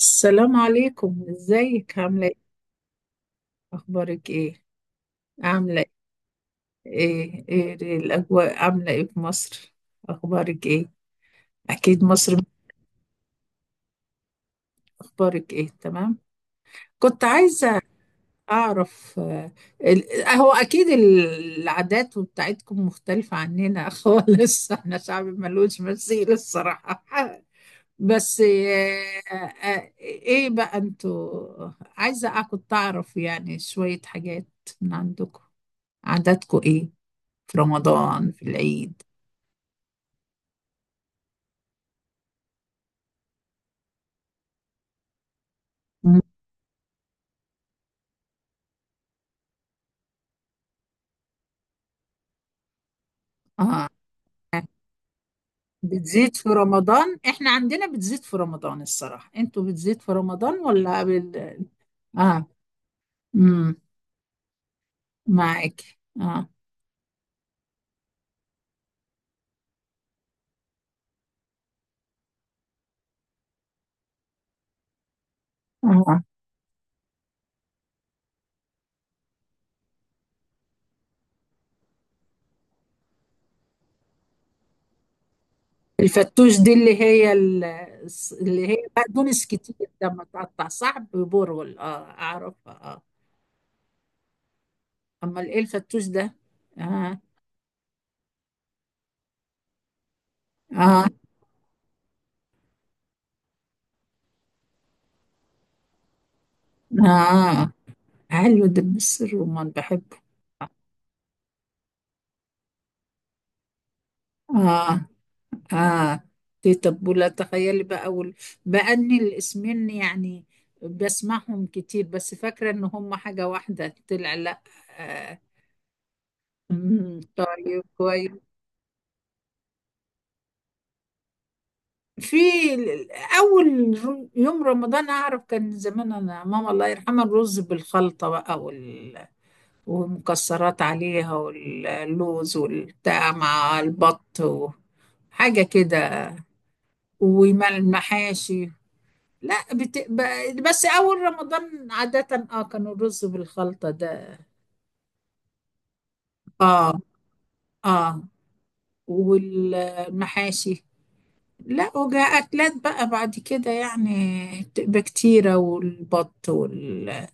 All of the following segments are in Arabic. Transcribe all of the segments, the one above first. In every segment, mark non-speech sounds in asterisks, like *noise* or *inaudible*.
السلام عليكم، ازيك؟ عاملة ايه؟ اخبارك ايه؟ عاملة ايه؟ الاجواء عاملة ايه في مصر؟ اخبارك ايه؟ اكيد مصر. اخبارك ايه؟ تمام. كنت عايزة اعرف هو اكيد العادات بتاعتكم مختلفة عننا *laughs* خالص. احنا شعب ملوش مثيل الصراحة. بس ايه بقى انتوا؟ عايزة كنت اعرف يعني شوية حاجات من عندكم. عاداتكم ايه في رمضان، في العيد؟ مم. اه، بتزيد في رمضان. احنا عندنا بتزيد في رمضان الصراحة، انتوا بتزيد في رمضان ولا اه. امم معاك اه. اه الفتوش دي اللي هي اللي هي بقدونس كتير لما تقطع، صح؟ ببرغل، اه اعرفها اه. امال ايه الفتوش ده؟ اه اه اه. حلو ده، بالسر رمان بحبه. اه، آه، دي تبولة، تخيلي بقى. بأني الاسمين يعني بسمعهم كتير، بس فاكرة إن هم حاجة واحدة، طلع لا. آه. مم، طيب، كويس. في أول يوم رمضان أعرف كان زمان أنا، ماما الله يرحمها، الرز بالخلطة بقى ومكسرات عليها واللوز والبتاع، مع البط وحاجة كده، والمحاشي. لا بس أول رمضان عادة اه كان الرز بالخلطة ده. اه اه، والمحاشي. لا، وجاء أكلات بقى بعد كده يعني، تبقى كتيرة: والبط، والمكرونة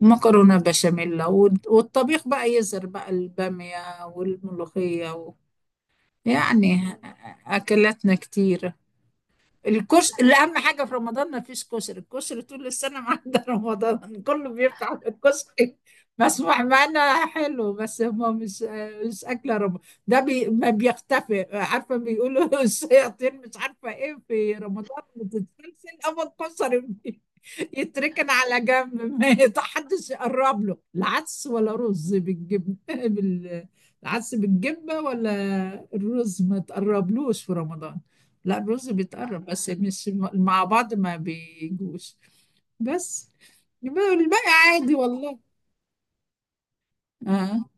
بشاميل، والطبيخ بقى يزر بقى، البامية والملوخية و... يعني أكلاتنا كتيرة. الكشري اللي اهم حاجه في رمضان، ما فيش كشري. الكشري طول السنه ما عدا *laughs* رمضان، كله بيفتح على الكشري مسموح. معانا حلو، بس هم مش مش اكله رمضان ده. بي ما بيختفي، عارفه؟ بيقولوا *laughs* الشياطين مش عارفه ايه في رمضان بتتسلسل، اما الكشري *laughs* يتركن على جنب، ما حدش يقرب له، لا عدس ولا رز بالجبن *laughs* العدس بالجبه، ولا الرز ما تقربلوش في رمضان. لا الرز بيتقرب، بس مش مع بعض، ما بيجوش بس. يبقى الباقي عادي والله. آه،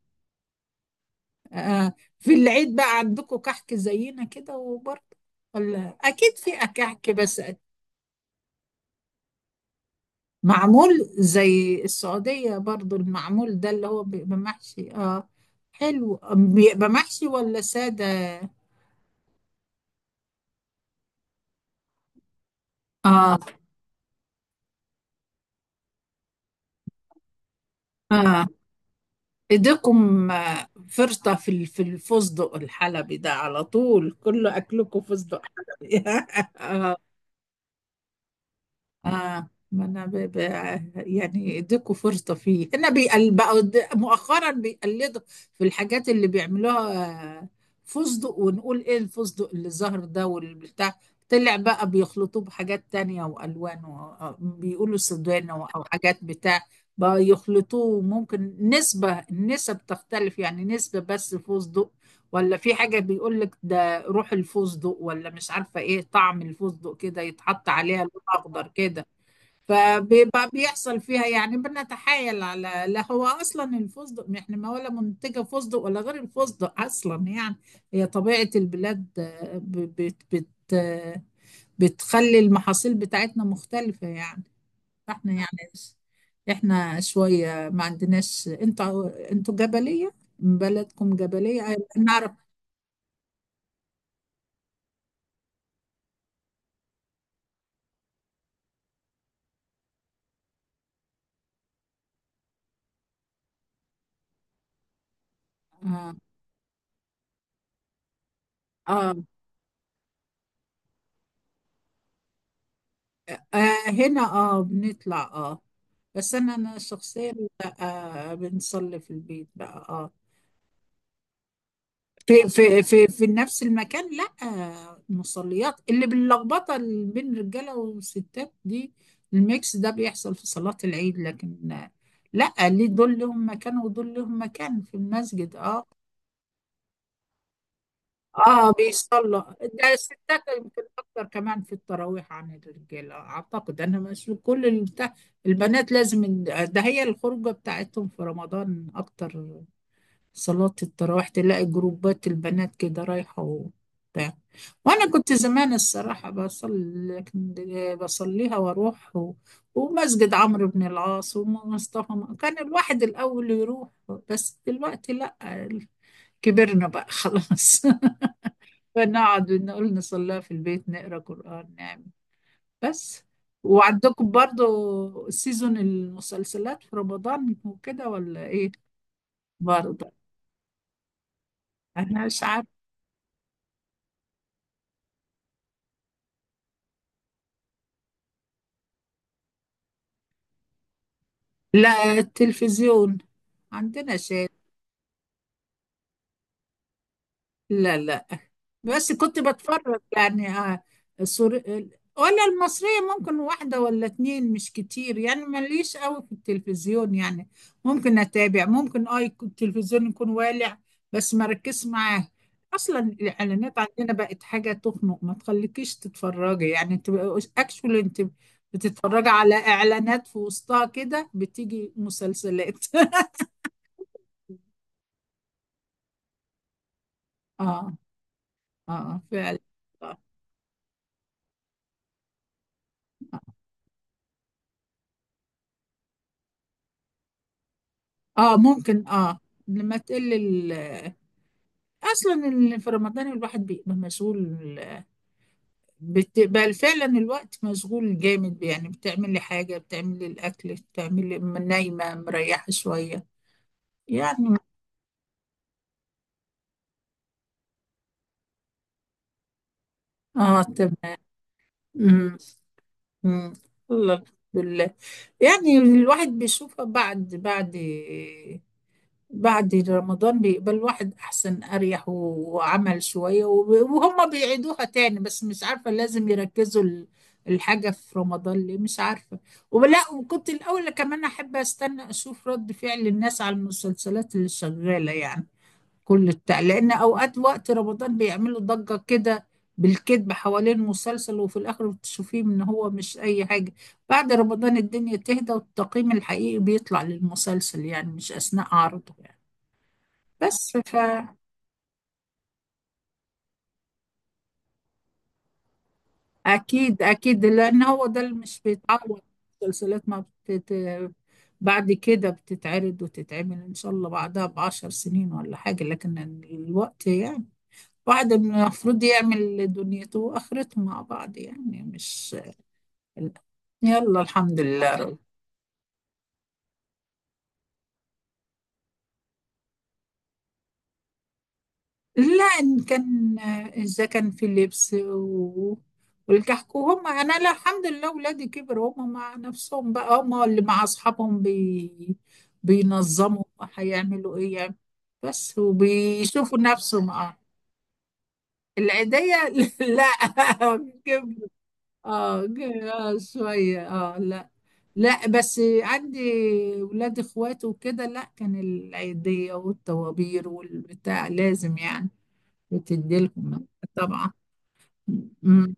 آه، في العيد بقى عندكم كحك زينا كده وبرضه؟ ولا اكيد في كحك بس؟ معمول؟ زي السعودية برضه، المعمول ده اللي هو بيبقى محشي، اه؟ حلو. بيبقى محشي ولا سادة؟ اه اه. ايديكم فرطة في الفستق الحلبي ده، على طول كله اكلكم فستق حلبي *laughs* آه ما أنا يعني اديكوا فرصة فيه، أنا بقوا مؤخرا بيقلدوا في الحاجات اللي بيعملوها. آه، فستق، ونقول إيه الفستق اللي ظهر ده والبتاع؟ طلع بقى بيخلطوه بحاجات تانية وألوان و... بيقولوا سدوانة أو حاجات بتاع بقى، يخلطوه ممكن نسبة، النسب تختلف يعني، نسبة بس فستق، ولا في حاجة. بيقول لك ده روح الفستق، ولا مش عارفة ايه، طعم الفستق كده، يتحط عليها لون اخضر كده. فبيبقى بيحصل فيها يعني بنتحايل على، لا هو اصلا الفستق ما احنا ما ولا منتجه فستق، ولا غير الفستق اصلا يعني. هي طبيعه البلاد بت آه، بتخلي المحاصيل بتاعتنا مختلفه يعني. فاحنا يعني احنا شويه ما عندناش، انتوا جبليه، بلدكم جبليه، أيوة، نعرف. اه، آه. آه، هنا اه بنطلع اه، بس انا شخصيا لا. آه، بنصلي في البيت بقى اه. في نفس المكان؟ لا، آه، مصليات اللي باللخبطه اللي بين الرجاله والستات دي، الميكس ده، بيحصل في صلاة العيد، لكن آه لا، ليه؟ دول لهم مكان ودول لهم مكان في المسجد اه. اه بيصلى. ده الستات يمكن اكتر كمان في التراويح عن الرجاله، اعتقد انا، مش كل البتاع. البنات لازم ده هي الخروجه بتاعتهم في رمضان، اكتر. صلاه التراويح تلاقي جروبات البنات كده رايحه وبتاع. وانا كنت زمان الصراحه بصلي، لكن بصليها واروح و... ومسجد عمرو بن العاص ومصطفى، كان الواحد الاول يروح. بس دلوقتي لا، كبرنا بقى خلاص *laughs* بنقعد نقول نصليها في البيت، نقرا قرآن، نعمل. بس وعندكم برضو سيزون المسلسلات في رمضان وكده، ولا ايه؟ برضو. انا مش عارف. لا، التلفزيون عندنا شيء. لا لا، بس كنت بتفرج يعني، السور... ولا المصرية، ممكن واحدة ولا اتنين، مش كتير يعني. ماليش قوي في التلفزيون يعني، ممكن أتابع، ممكن اه يكون التلفزيون يكون والع، بس ما ركز معاه. أصلا الإعلانات عندنا بقت حاجة تخنق، ما تخليكيش تتفرجي يعني. انت أكشولي انت بتتفرجي على إعلانات، في وسطها كده بتيجي مسلسلات *laughs* اه اه فعلا. اه، ممكن اه، لما تقل. اصلا اللي في رمضان الواحد بيبقى مسؤول، بتبقى فعلا الوقت مشغول جامد يعني، بتعمل لي حاجه، بتعمل لي الاكل، بتعمل لي نايمه مريحه شويه يعني. اه تمام. أمم، أمم. الله، الحمد لله. يعني الواحد بيشوفها بعد بعد، بعد رمضان بيقبل واحد أحسن، أريح، وعمل شوية، وهم بيعيدوها تاني، بس مش عارفة لازم يركزوا الحاجة في رمضان ليه، مش عارفة. ولا وكنت الأول كمان أحب أستنى أشوف رد فعل الناس على المسلسلات اللي شغالة يعني، لأن أوقات وقت رمضان بيعملوا ضجة كده بالكذب حوالين مسلسل، وفي الآخر بتشوفيه إن هو مش أي حاجة. بعد رمضان الدنيا تهدى، والتقييم الحقيقي بيطلع للمسلسل يعني، مش أثناء عرضه يعني. بس فأكيد أكيد، لأن هو ده اللي مش بيتعوض. المسلسلات ما بتت... بعد كده بتتعرض وتتعمل إن شاء الله بعدها بعشر سنين ولا حاجة، لكن الوقت يعني، واحد المفروض يعمل دنيته وآخرته مع بعض يعني، مش. يلا الحمد لله. لا إن كان، إذا كان في اللبس و... والكحك وهم، أنا لا الحمد لله ولادي كبروا، هم مع نفسهم بقى، هم اللي مع أصحابهم بينظموا هيعملوا إيه يعني. بس وبيشوفوا نفسهم اه. العيدية *laughs* لا كبروا. اه شوية اه لا. لا بس عندي ولاد اخوات وكده، لا كان العيدية والطوابير والبتاع لازم يعني، بتديلهم. طبعا. مم.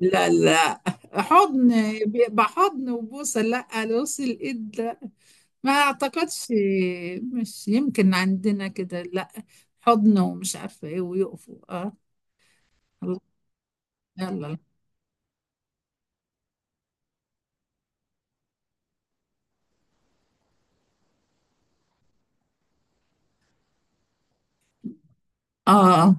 لا لا، حضن. بيبقى حضن وبوسه، لا بوس الايد لا، ما اعتقدش. مش يمكن عندنا كده، لا، حضن ومش عارفه ايه ويقفوا اه. الله، يلا اه.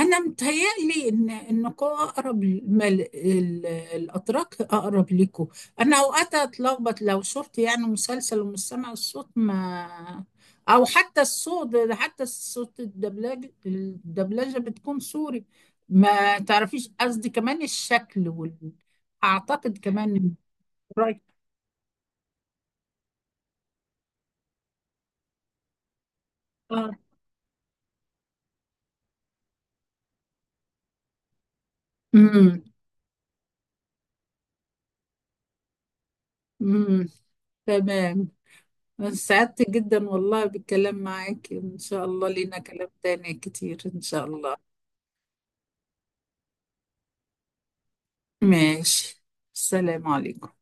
انا متهيألي ان انكم اقرب ما الاتراك اقرب لكم. انا اوقات اتلخبط لو شفت يعني مسلسل ومش سامع الصوت، ما، او حتى الصوت، حتى الصوت، الدبلجه، الدبلجه بتكون سوري، ما تعرفيش قصدي، كمان الشكل اعتقد كمان. رايك؟ اه. امم، امم. تمام. سعدت جدا والله بالكلام معاك، ان شاء الله لينا كلام تاني كتير ان شاء الله. ماشي، السلام عليكم.